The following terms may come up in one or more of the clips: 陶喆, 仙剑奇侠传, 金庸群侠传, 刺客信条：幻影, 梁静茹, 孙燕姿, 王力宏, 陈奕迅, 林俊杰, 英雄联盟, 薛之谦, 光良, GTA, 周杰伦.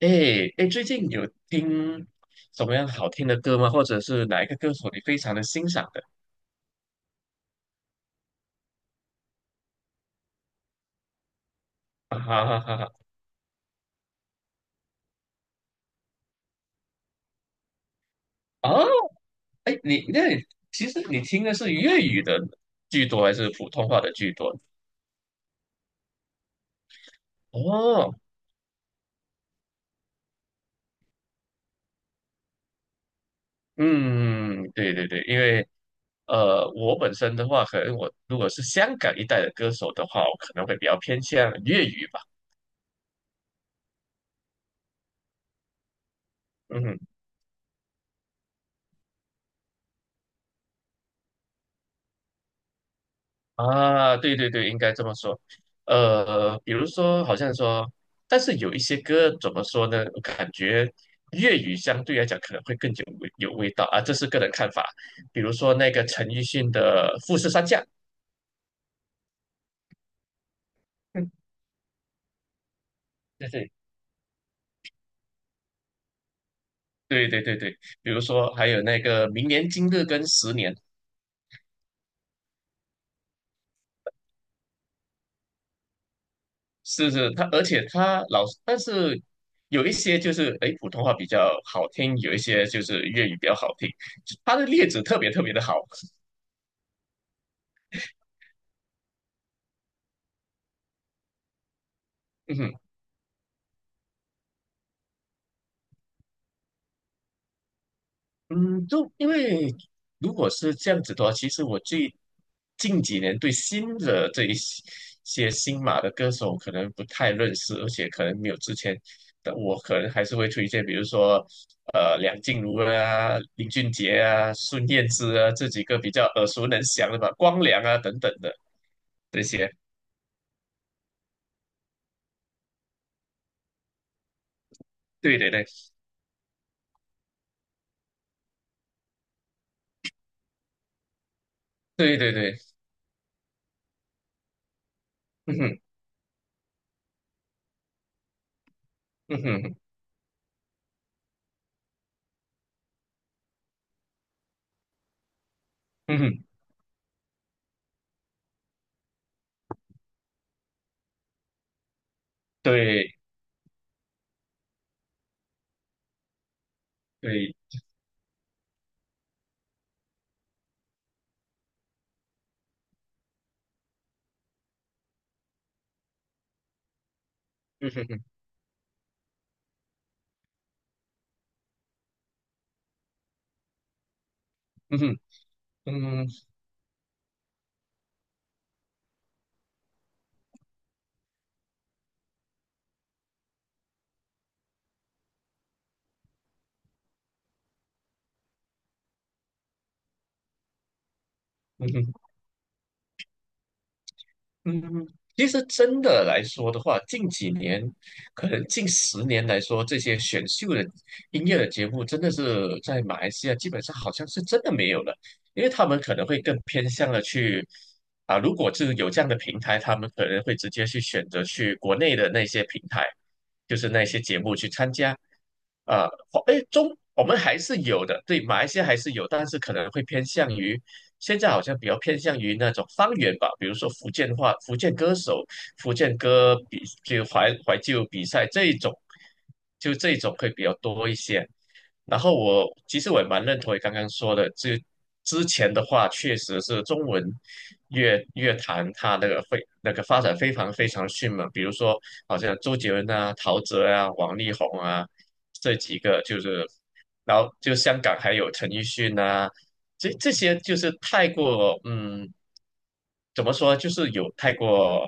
哎哎，最近有听什么样好听的歌吗？或者是哪一个歌手你非常的欣赏的？啊哈哈哈哈！哦，哎，你那你其实你听的是粤语的居多，还是普通话的居多？哦，嗯，对对对，因为我本身的话，可能我如果是香港一带的歌手的话，我可能会比较偏向粤语吧。嗯啊，对对对，应该这么说。比如说，好像说，但是有一些歌怎么说呢？我感觉粤语相对来讲可能会更有味道啊，这是个人看法。比如说那个陈奕迅的《富士山下》。嗯。对对对对对对。比如说还有那个《明年今日》跟《十年》，是是他，而且他老，但是有一些就是诶普通话比较好听，有一些就是粤语比较好听，他的例子特别特别的好。嗯。嗯，就因为如果是这样子的话，其实我最近几年对新的这一些新马的歌手可能不太认识，而且可能没有之前的我，可能还是会推荐，比如说梁静茹啊、林俊杰啊、孙燕姿啊这几个比较耳熟能详的吧，光良啊等等的这些。对对对，对对对，嗯哼嗯哼嗯哼，对对，嗯哼嗯哼嗯哼嗯哼嗯哼。嗯，其实真的来说的话，近几年，可能近十年来说，这些选秀的音乐的节目，真的是在马来西亚基本上好像是真的没有了，因为他们可能会更偏向了去啊，如果是有这样的平台，他们可能会直接去选择去国内的那些平台，就是那些节目去参加。啊，哎，我们还是有的，对，马来西亚还是有，但是可能会偏向于。现在好像比较偏向于那种方言吧，比如说福建话、福建歌手、福建歌就怀旧比赛这一种，就这一种会比较多一些。然后其实我也蛮认同你刚刚说的，这之前的话确实是中文乐坛它那个非那个发展非常非常迅猛，比如说好像周杰伦啊、陶喆啊、王力宏啊这几个就是，然后就香港还有陈奕迅啊，这些就是太过怎么说就是有太过，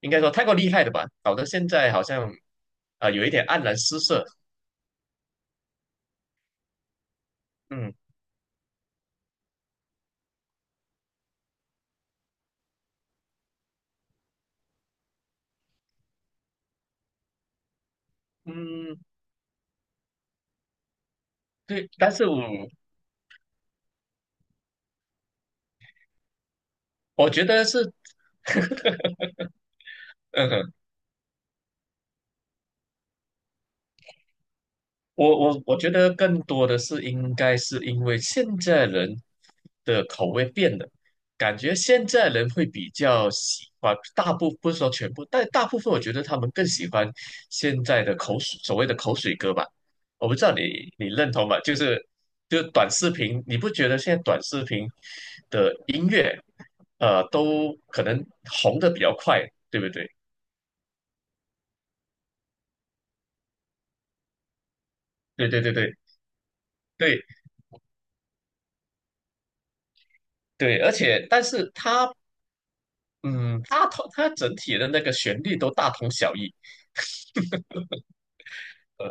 应该说太过厉害的吧，搞得现在好像啊、有一点黯然失色，嗯嗯。对，但是我觉得是，嗯哼，我觉得更多的是应该是因为现在人的口味变了，感觉现在人会比较喜欢，不是说全部，但大部分我觉得他们更喜欢现在的口水，所谓的口水歌吧。我不知道你认同吗？就是短视频，你不觉得现在短视频的音乐，都可能红的比较快，对不对？对对对对。对，对，而且但是它，嗯，它整体的那个旋律都大同小异，呃，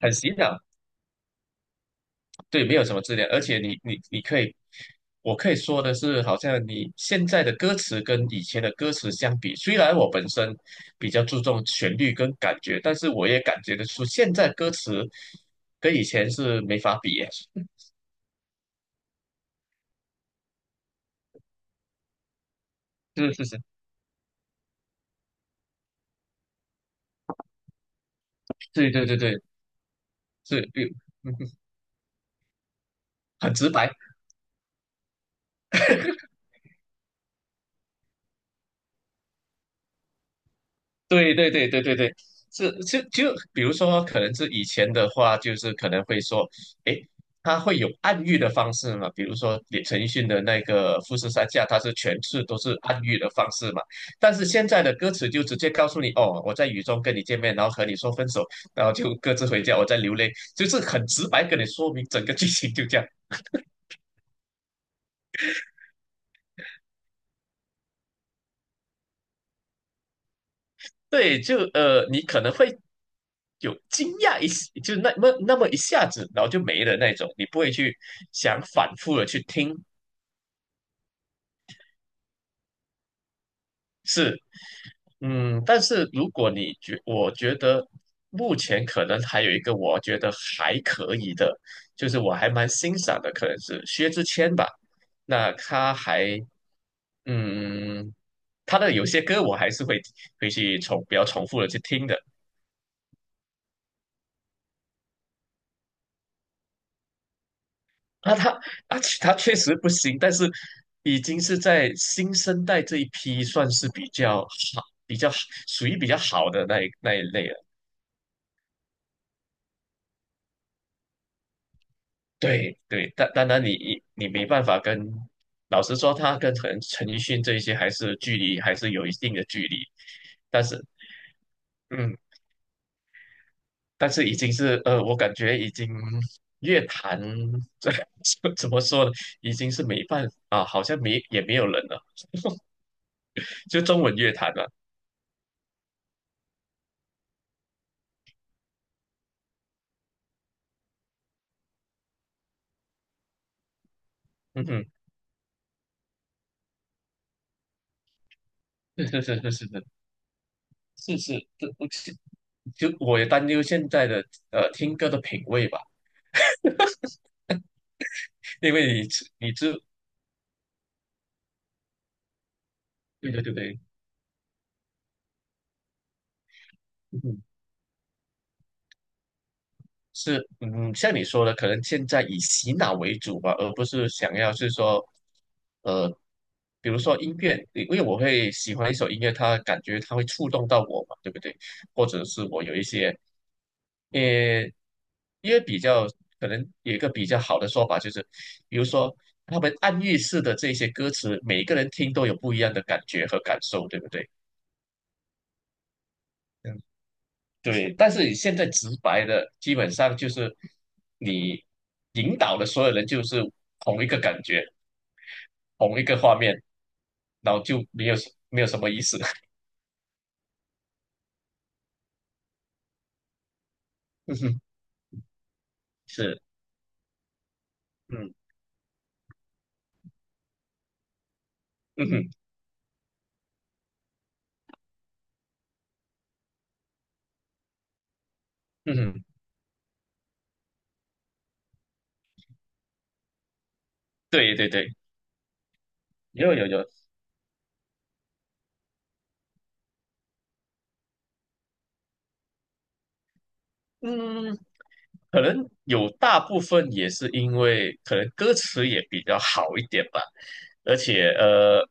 很洗脑，对，没有什么质量。而且你可以，我可以说的是，好像你现在的歌词跟以前的歌词相比，虽然我本身比较注重旋律跟感觉，但是我也感觉得出现在歌词跟以前是没法比耶。是是是，对对对对，是，嗯很直白。对对对对对对，是是就比如说，可能是以前的话，就是可能会说，诶，他会有暗喻的方式嘛，比如说陈奕迅的那个《富士山下》，它是全是都是暗喻的方式嘛。但是现在的歌词就直接告诉你，哦，我在雨中跟你见面，然后和你说分手，然后就各自回家，我在流泪，就是很直白跟你说明整个剧情就这样。对，你可能会有惊讶一时，就那么那么一下子，然后就没了那种，你不会去想反复的去听，是，但是如果我觉得目前可能还有一个我觉得还可以的，就是我还蛮欣赏的，可能是薛之谦吧，那他还，嗯，他的有些歌我还是会去比较重复的去听的。啊，且他确实不行，但是已经是在新生代这一批算是比较好，属于比较好的那一类了。对对，但当然你没办法跟，老实说，他跟陈奕迅这一些还是有一定的距离，但是嗯，但是已经是我感觉已经乐坛这 怎么说呢，已经是没办法啊，好像没也没有人了，就中文乐坛了。嗯哼，是是是是是。是是，这不是，就我也担忧现在的听歌的品味吧，因为你知你这对对对对，嗯是，像你说的，可能现在以洗脑为主吧，而不是想要是说，呃，比如说音乐，因为我会喜欢一首音乐，它感觉它会触动到我嘛，对不对？或者是我有一些，呃，因为比较可能有一个比较好的说法，就是比如说他们暗喻式的这些歌词，每一个人听都有不一样的感觉和感受，对不对？对，但是你现在直白的，基本上就是你引导的所有人就是同一个感觉，同一个画面，然后就没有什么意思。是，嗯嗯哼嗯哼对对对，有有有，嗯。可能有大部分也是因为可能歌词也比较好一点吧，而且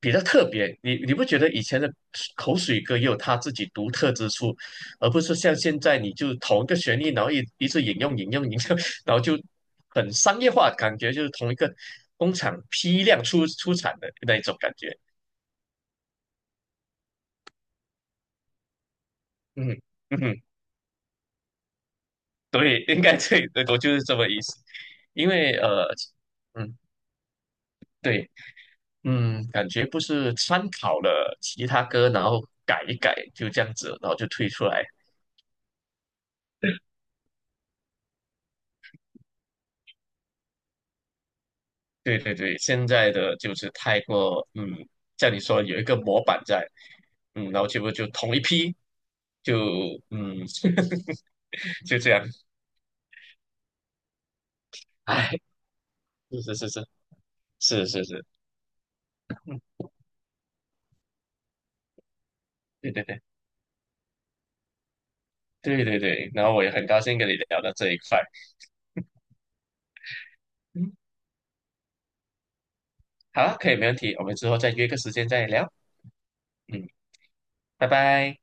比较特别。你不觉得以前的口水歌也有它自己独特之处，而不是像现在你就同一个旋律，然后一直引用引用引用，然后就很商业化，感觉就是同一个工厂批量出产的那一种感觉。嗯嗯哼，对，应该对，对我就是这么意思。因为嗯，对。嗯，感觉不是参考了其他歌，然后改一改，就这样子，然后就推出来。对对对，现在的就是太过，像你说有一个模板在，然后结果就同一批，就嗯，就这样，哎，是是是是是是是，对对对对对对，然后我也很高兴跟你聊到这一块，嗯，好，可以，没问题，我们之后再约个时间再聊，嗯，拜拜。